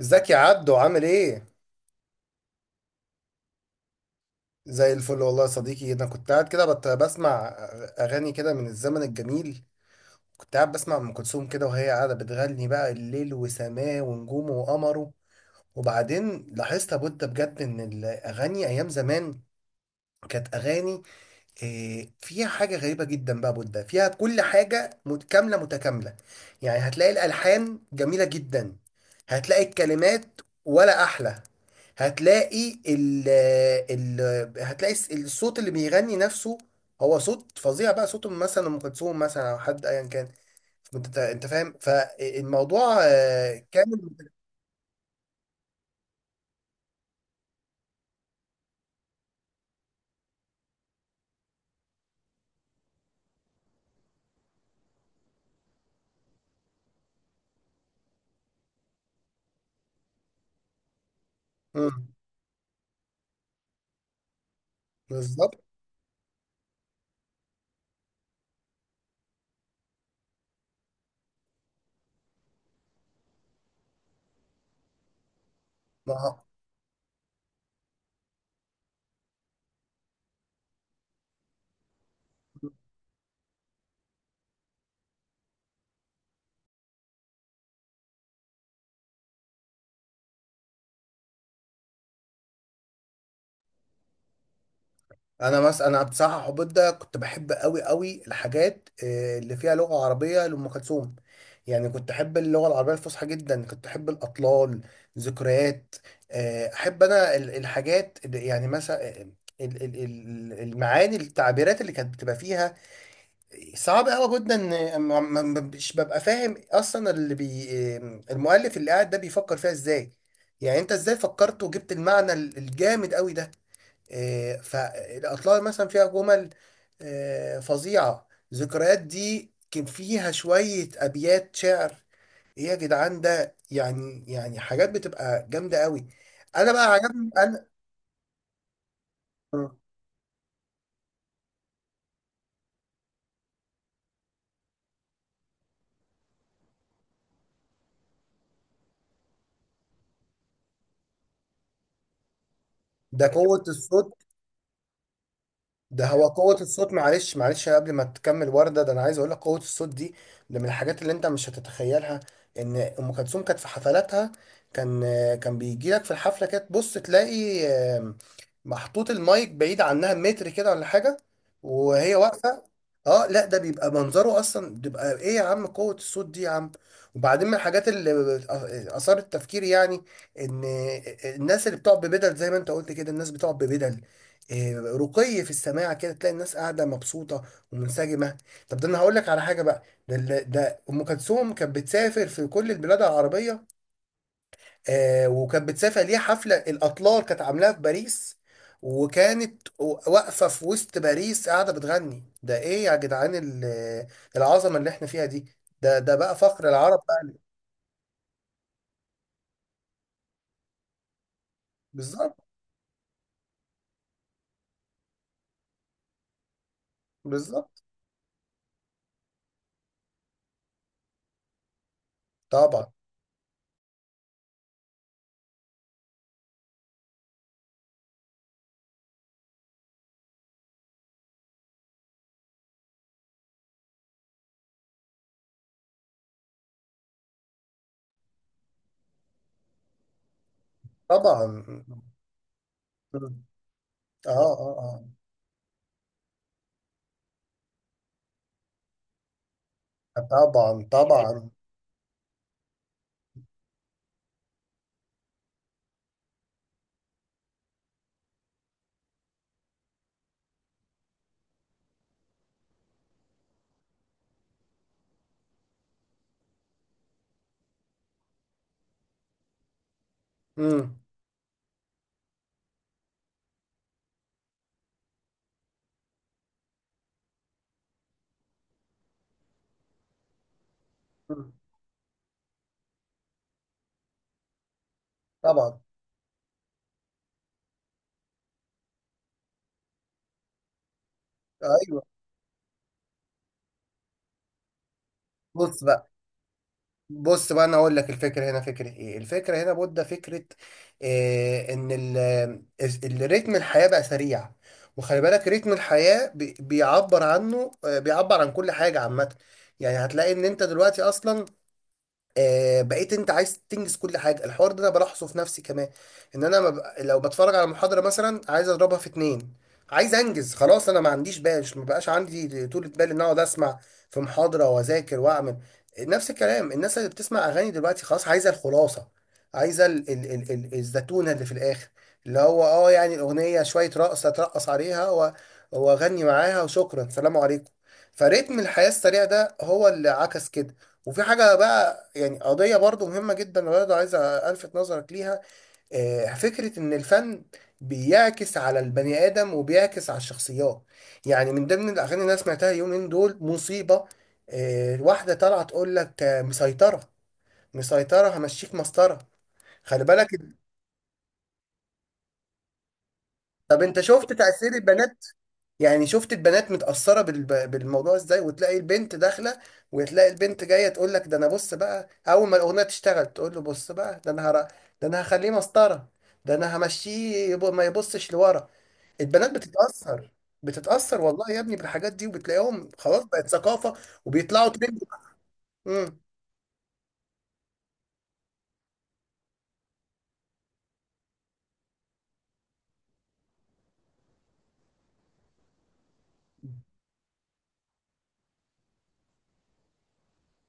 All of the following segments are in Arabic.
ازيك يا عبدو عامل ايه؟ زي الفل والله يا صديقي، انا كنت قاعد كده بسمع اغاني كده من الزمن الجميل. كنت قاعد بسمع ام كلثوم كده وهي قاعده بتغني بقى الليل وسماه ونجومه وقمره. وبعدين لاحظت يا بودة، بجد ان الاغاني ايام زمان كانت اغاني. فيها حاجة غريبة جدا بقى بودة، فيها كل حاجة متكاملة متكاملة. يعني هتلاقي الألحان جميلة جدا، هتلاقي الكلمات ولا أحلى، هتلاقي ال الصوت اللي بيغني نفسه، هو صوت فظيع بقى، صوت مثلا أم كلثوم مثلا أو حد أيا كان. أنت فاهم فالموضوع كامل. مم. بالظبط. ما هو انا مثلا انا بصراحه حبيت ده، كنت بحب قوي قوي الحاجات اللي فيها لغه عربيه لام كلثوم. يعني كنت احب اللغه العربيه الفصحى جدا، كنت احب الاطلال، ذكريات. احب انا الحاجات يعني مثلا المعاني، التعبيرات اللي كانت بتبقى فيها صعب قوي جدا. مش ببقى فاهم اصلا اللي بي آه، المؤلف اللي قاعد ده بيفكر فيها ازاي. يعني انت ازاي فكرت وجبت المعنى الجامد قوي ده. فالأطلال مثلا فيها جمل فظيعة. ذكريات دي كان فيها شوية أبيات شعر. إيه يا جدعان، ده يعني حاجات بتبقى جامدة قوي. أنا بقى عجبني أنا. ده قوة الصوت. ده هو قوة الصوت. معلش معلش، قبل ما تكمل وردة، ده أنا عايز أقول لك قوة الصوت دي ده من الحاجات اللي أنت مش هتتخيلها. إن أم كلثوم كانت في حفلاتها، كان كان بيجي لك في الحفلة كده تبص تلاقي محطوط المايك بعيد عنها متر كده ولا حاجة وهي واقفة. أه، لا ده بيبقى منظره أصلا، بيبقى إيه يا عم؟ قوة الصوت دي يا عم! وبعدين من الحاجات اللي أثارت تفكيري يعني، إن الناس اللي بتقعد ببدل زي ما أنت قلت كده، الناس بتقعد ببدل، رقي في السماع، كده تلاقي الناس قاعده مبسوطه ومنسجمه. طب ده انا هقول لك على حاجه بقى، ده ام كلثوم كانت بتسافر في كل البلاد العربيه، وكانت بتسافر ليها حفله، الاطلال كانت عاملاها في باريس، وكانت واقفه في وسط باريس قاعده بتغني. ده ايه يا جدعان العظمه اللي احنا فيها دي؟ ده بقى فخر العرب بقى. بالظبط. بالظبط. طبعا. طبعا. اه، اه. اه. طبعا، طبعا. مم. طبعا. ايوه. بص بقى بص بقى انا اقول لك، الفكره هنا فكره ايه؟ الفكره هنا بودة، فكره إيه؟ ان الريتم الحياه بقى سريع. وخلي بالك رتم الحياه بيعبر عنه، بيعبر عن كل حاجه عامه. يعني هتلاقي ان انت دلوقتي اصلا، بقيت انت عايز تنجز كل حاجه. الحوار ده انا بلاحظه في نفسي كمان، ان انا ما بق- لو بتفرج على محاضره مثلا عايز اضربها في اتنين، عايز انجز خلاص. انا ما عنديش ما بقاش عندي طولة بال ان اقعد اسمع في محاضره واذاكر واعمل. نفس الكلام، الناس اللي بتسمع اغاني دلوقتي خلاص عايزه الخلاصه، عايزه ال ال ال ال الزتونه اللي في الاخر، اللي هو يعني الاغنيه، شويه رقصه اترقص عليها واغني معاها وشكرا، سلام عليكم. فريتم الحياه السريع ده هو اللي عكس كده. وفي حاجة بقى، يعني قضية برضو مهمة جدا، برضو عايز ألفت نظرك ليها، فكرة إن الفن بيعكس على البني آدم وبيعكس على الشخصيات. يعني من ضمن الأغاني اللي أنا سمعتها اليومين دول مصيبة. واحدة طالعة تقول لك مسيطرة، مسيطرة همشيك مسطرة. خلي بالك. طب أنت شفت تأثير البنات؟ يعني شفت البنات متأثرة بالموضوع ازاي، وتلاقي البنت داخلة وتلاقي البنت جاية تقول لك، ده انا بص بقى اول ما الأغنية تشتغل تقول له بص بقى ده انا ده انا هخليه مسطرة، ده انا همشيه ما يبصش لورا. البنات بتتأثر، بتتأثر والله يا ابني بالحاجات دي، وبتلاقيهم خلاص بقت ثقافة وبيطلعوا ترند. امم.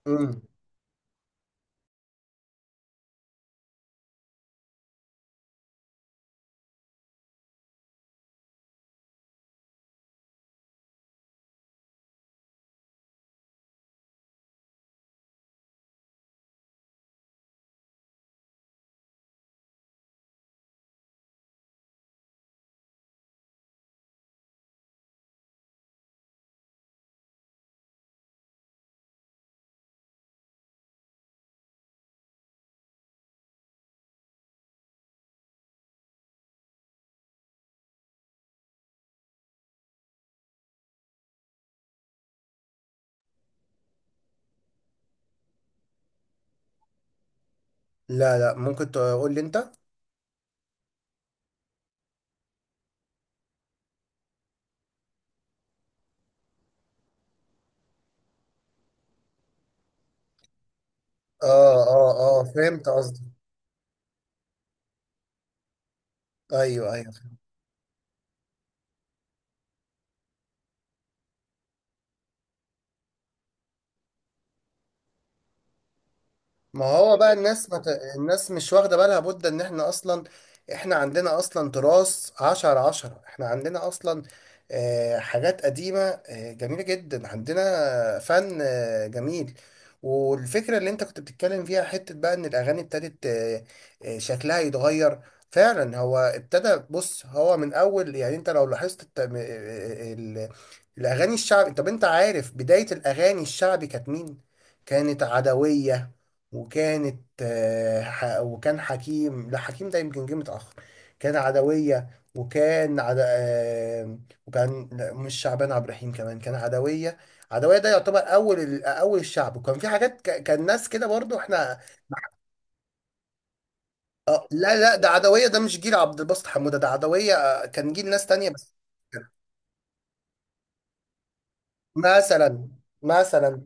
امم. لا، لا ممكن تقول لي انت اه. اه، اه فهمت قصدي. ايوه، ايوه. ما هو بقى الناس الناس مش واخدة بالها بد ان احنا اصلا، احنا عندنا اصلا تراث عشرة عشرة. احنا عندنا اصلا حاجات قديمة، جميلة جدا، عندنا فن جميل. والفكرة اللي انت كنت بتتكلم فيها حتة بقى، ان الاغاني ابتدت شكلها يتغير. فعلا هو ابتدى. بص هو من اول، يعني انت لو لاحظت الاغاني الشعبي. طب انت عارف بداية الاغاني الشعبي كانت مين؟ كانت عدوية، وكانت وكان حكيم. لا، حكيم ده يمكن جه متأخر، كان عدوية وكان عد... آه، وكان، لا، مش شعبان عبد الرحيم، كمان كان عدوية. عدوية ده يعتبر أول الشعب، وكان في كان ناس كده برضو احنا. لا، لا ده عدوية، ده مش جيل عبد الباسط حمودة، ده عدوية كان جيل ناس تانية بس. مثلا. مثلا.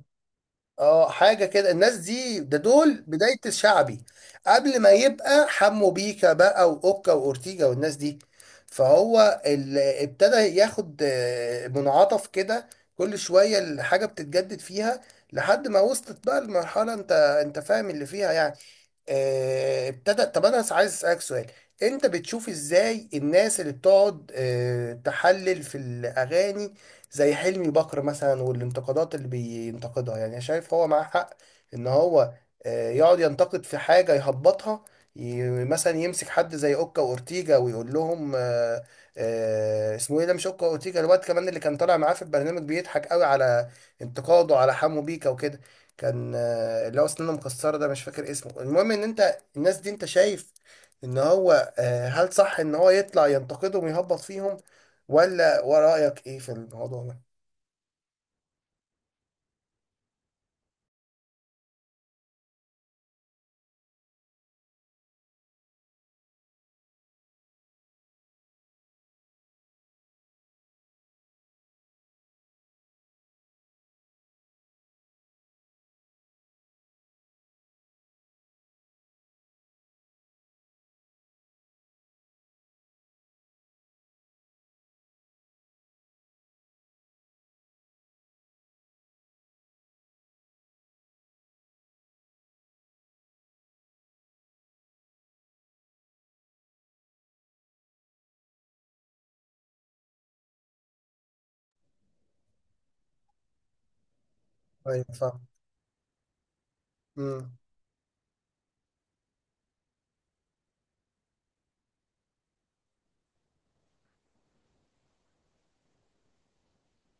اه، حاجة كده، الناس دي ده دول بداية الشعبي، قبل ما يبقى حمو بيكا بقى وأوكا وأورتيجا والناس دي. فهو اللي ابتدى ياخد منعطف كده، كل شوية الحاجة بتتجدد فيها لحد ما وصلت بقى المرحلة انت فاهم اللي فيها يعني. ابتدى. طب انا عايز اسالك سؤال، انت بتشوف ازاي الناس اللي بتقعد تحلل في الاغاني زي حلمي بكر مثلا، والانتقادات اللي بينتقدها؟ يعني أنا شايف هو معاه حق، ان هو يقعد ينتقد في حاجه يهبطها، مثلا يمسك حد زي اوكا واورتيجا ويقول لهم اسمه ايه ده؟ مش اوكا واورتيجا، الواد كمان اللي كان طالع معاه في البرنامج، بيضحك قوي على انتقاده على حمو بيكا وكده، كان اللي هو اسنانه مكسره ده، مش فاكر اسمه. المهم ان انت الناس دي انت شايف ان هو، هل صح ان هو يطلع ينتقدهم ويهبط فيهم، ولا ورايك ايه في الموضوع ده؟ ايوه، فاهم. مم.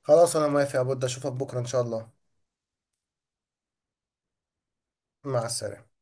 خلاص انا موافق يا بود، اشوفك بكره ان شاء الله. مع السلامه.